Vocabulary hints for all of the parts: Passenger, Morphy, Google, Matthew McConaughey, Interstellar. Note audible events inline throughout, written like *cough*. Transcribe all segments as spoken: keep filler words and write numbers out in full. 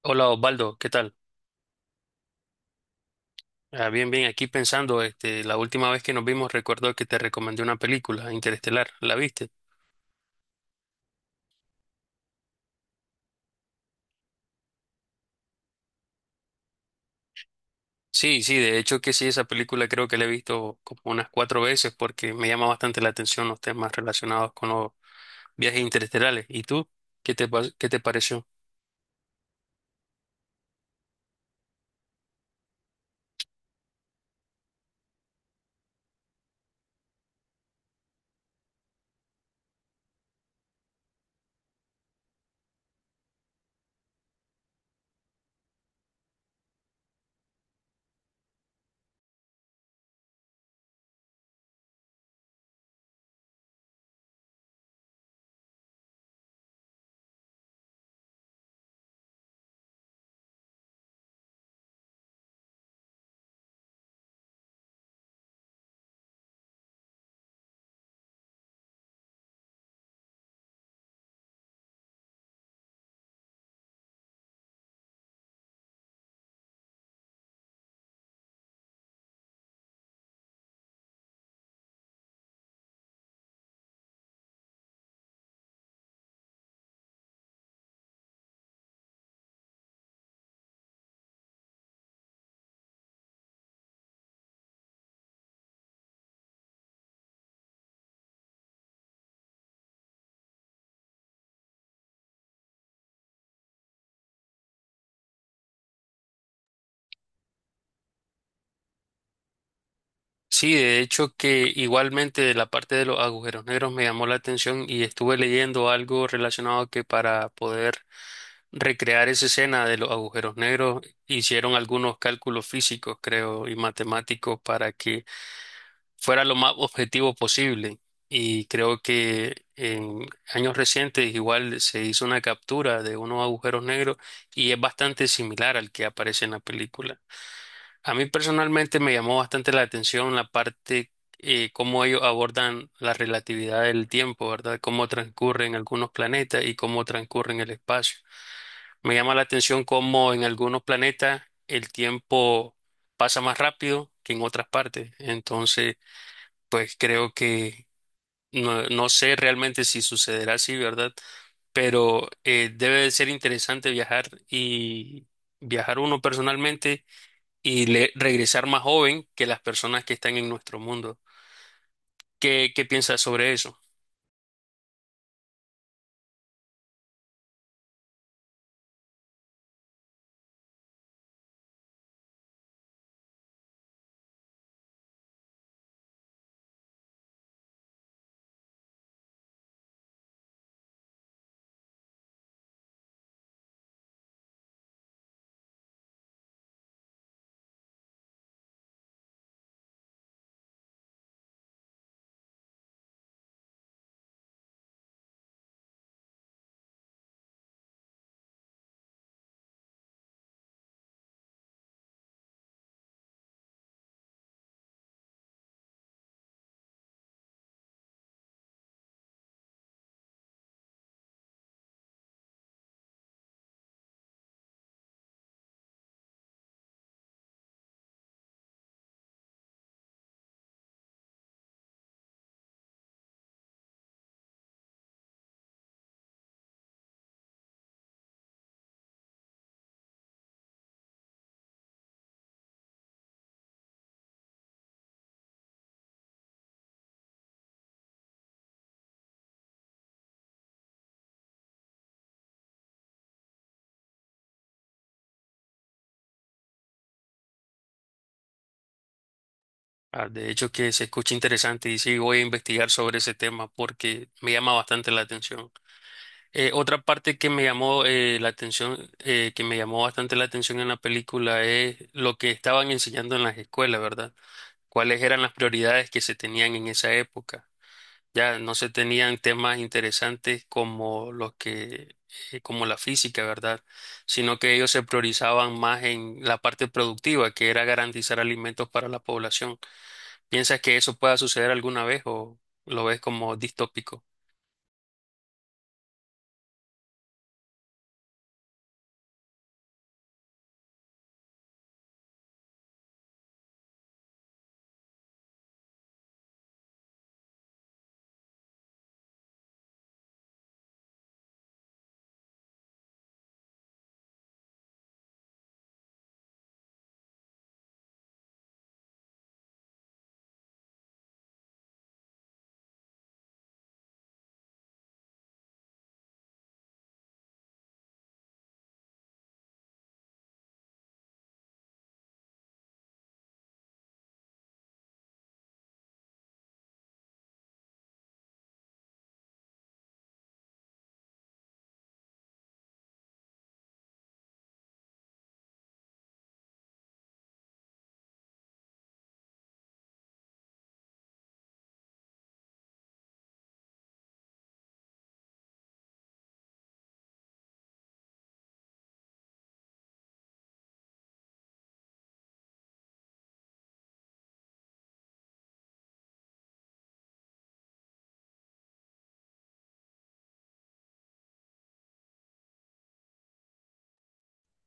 Hola Osvaldo, ¿qué tal? Ah, bien, bien, aquí pensando, este, la última vez que nos vimos recuerdo que te recomendé una película, Interestelar, ¿la viste? Sí, sí, de hecho que sí, esa película creo que la he visto como unas cuatro veces porque me llama bastante la atención los temas relacionados con los viajes interestelares. ¿Y tú? ¿Qué te, pa- ¿qué te pareció? Sí, de hecho que igualmente la parte de los agujeros negros me llamó la atención y estuve leyendo algo relacionado que para poder recrear esa escena de los agujeros negros hicieron algunos cálculos físicos, creo, y matemáticos para que fuera lo más objetivo posible. Y creo que en años recientes igual se hizo una captura de unos agujeros negros y es bastante similar al que aparece en la película. A mí personalmente me llamó bastante la atención la parte, eh, cómo ellos abordan la relatividad del tiempo, ¿verdad? Cómo transcurren algunos planetas y cómo transcurren el espacio. Me llama la atención cómo en algunos planetas el tiempo pasa más rápido que en otras partes. Entonces, pues creo que no, no sé realmente si sucederá así, ¿verdad? Pero eh, debe de ser interesante viajar y viajar uno personalmente y le- regresar más joven que las personas que están en nuestro mundo. ¿Qué, qué piensas sobre eso? Ah, de hecho, que se escucha interesante y sí, voy a investigar sobre ese tema porque me llama bastante la atención. Eh, otra parte que me llamó eh, la atención, eh, que me llamó bastante la atención en la película es lo que estaban enseñando en las escuelas, ¿verdad? ¿Cuáles eran las prioridades que se tenían en esa época? Ya no se tenían temas interesantes como los que, eh, como la física, ¿verdad? Sino que ellos se priorizaban más en la parte productiva, que era garantizar alimentos para la población. ¿Piensas que eso pueda suceder alguna vez o lo ves como distópico?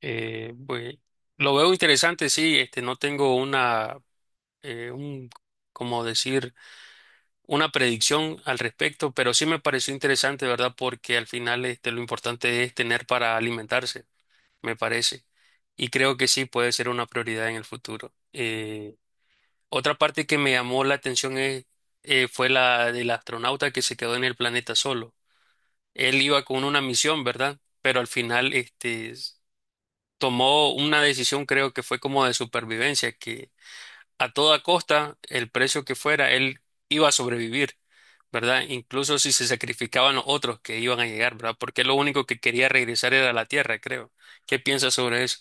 Eh, pues, lo veo interesante, sí, este, no tengo una, eh, un, como decir, una predicción al respecto, pero sí me pareció interesante, ¿verdad? Porque al final, este, lo importante es tener para alimentarse. Me parece. Y creo que sí puede ser una prioridad en el futuro. Eh, otra parte que me llamó la atención es, eh, fue la del astronauta que se quedó en el planeta solo. Él iba con una misión, ¿verdad? Pero al final, este, s- tomó una decisión, creo que fue como de supervivencia, que a toda costa, el precio que fuera, él iba a sobrevivir, ¿verdad? Incluso si se sacrificaban los otros que iban a llegar, ¿verdad? Porque lo único que quería regresar era a la Tierra, creo. ¿Qué piensas sobre eso?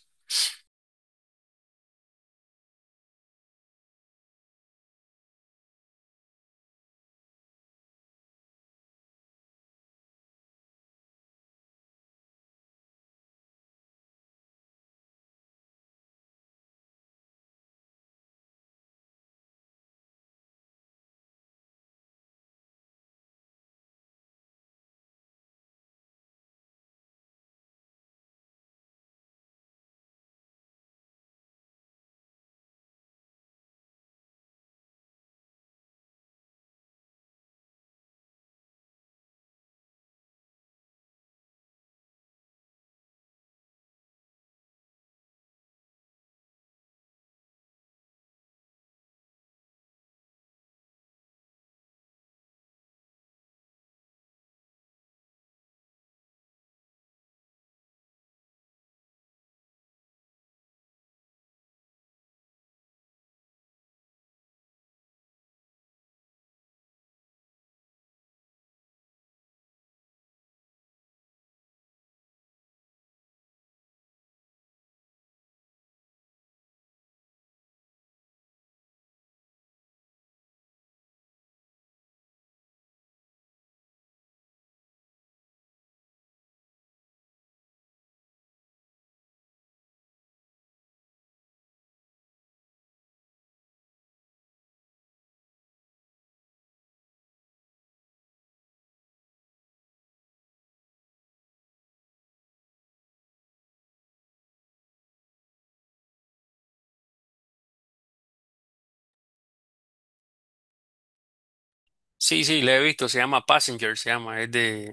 Sí, sí, la he visto, se llama Passenger, se llama, es de,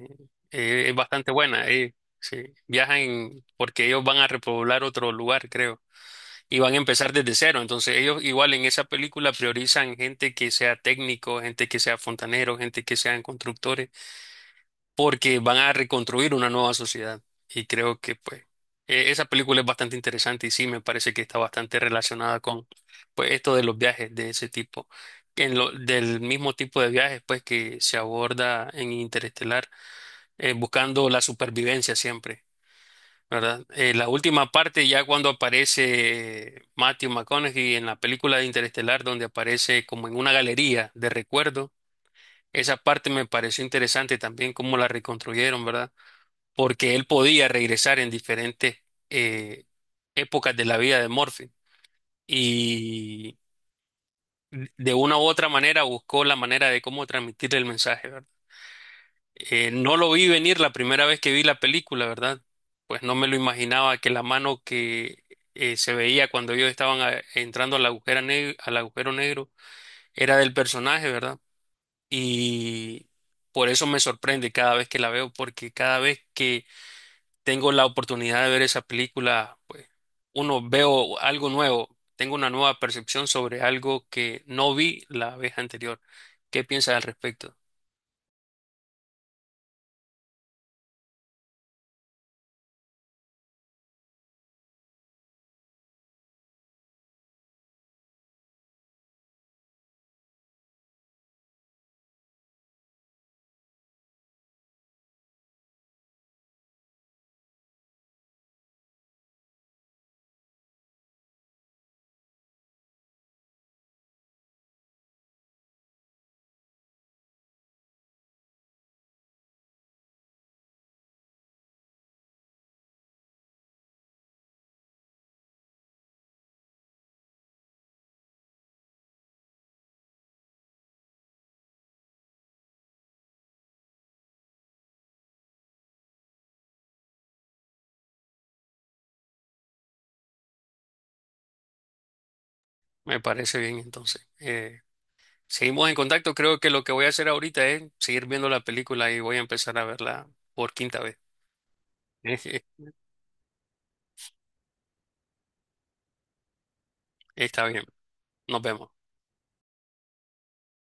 eh, es bastante buena, eh, sí. Viajan en- porque ellos van a repoblar otro lugar, creo, y van a empezar desde cero, entonces ellos igual en esa película priorizan gente que sea técnico, gente que sea fontanero, gente que sean constructores porque van a reconstruir una nueva sociedad. Y creo que pues e- esa película es bastante interesante y sí me parece que está bastante relacionada con pues esto de los viajes de ese tipo, que en lo, del mismo tipo de viajes pues que se aborda en Interestelar, eh, buscando la supervivencia siempre. ¿Verdad? Eh, la última parte, ya cuando aparece Matthew McConaughey en la película de Interestelar, donde aparece como en una galería de recuerdo, esa parte me pareció interesante también, cómo la reconstruyeron, ¿verdad? Porque él podía regresar en diferentes eh, épocas de la vida de Morphy y de una u otra manera buscó la manera de cómo transmitirle el mensaje, ¿verdad? Eh, no lo vi venir la primera vez que vi la película, ¿verdad? Pues no me lo imaginaba que la mano que eh, se veía cuando ellos estaban a- entrando al agujero negro, al agujero negro era del personaje, ¿verdad? Y por eso me sorprende cada vez que la veo, porque cada vez que tengo la oportunidad de ver esa película, pues uno veo algo nuevo, tengo una nueva percepción sobre algo que no vi la vez anterior. ¿Qué piensas al respecto? Me parece bien entonces. Eh, seguimos en contacto, creo que lo que voy a hacer ahorita es seguir viendo la película y voy a empezar a verla por quinta vez. *laughs* Está bien, nos vemos.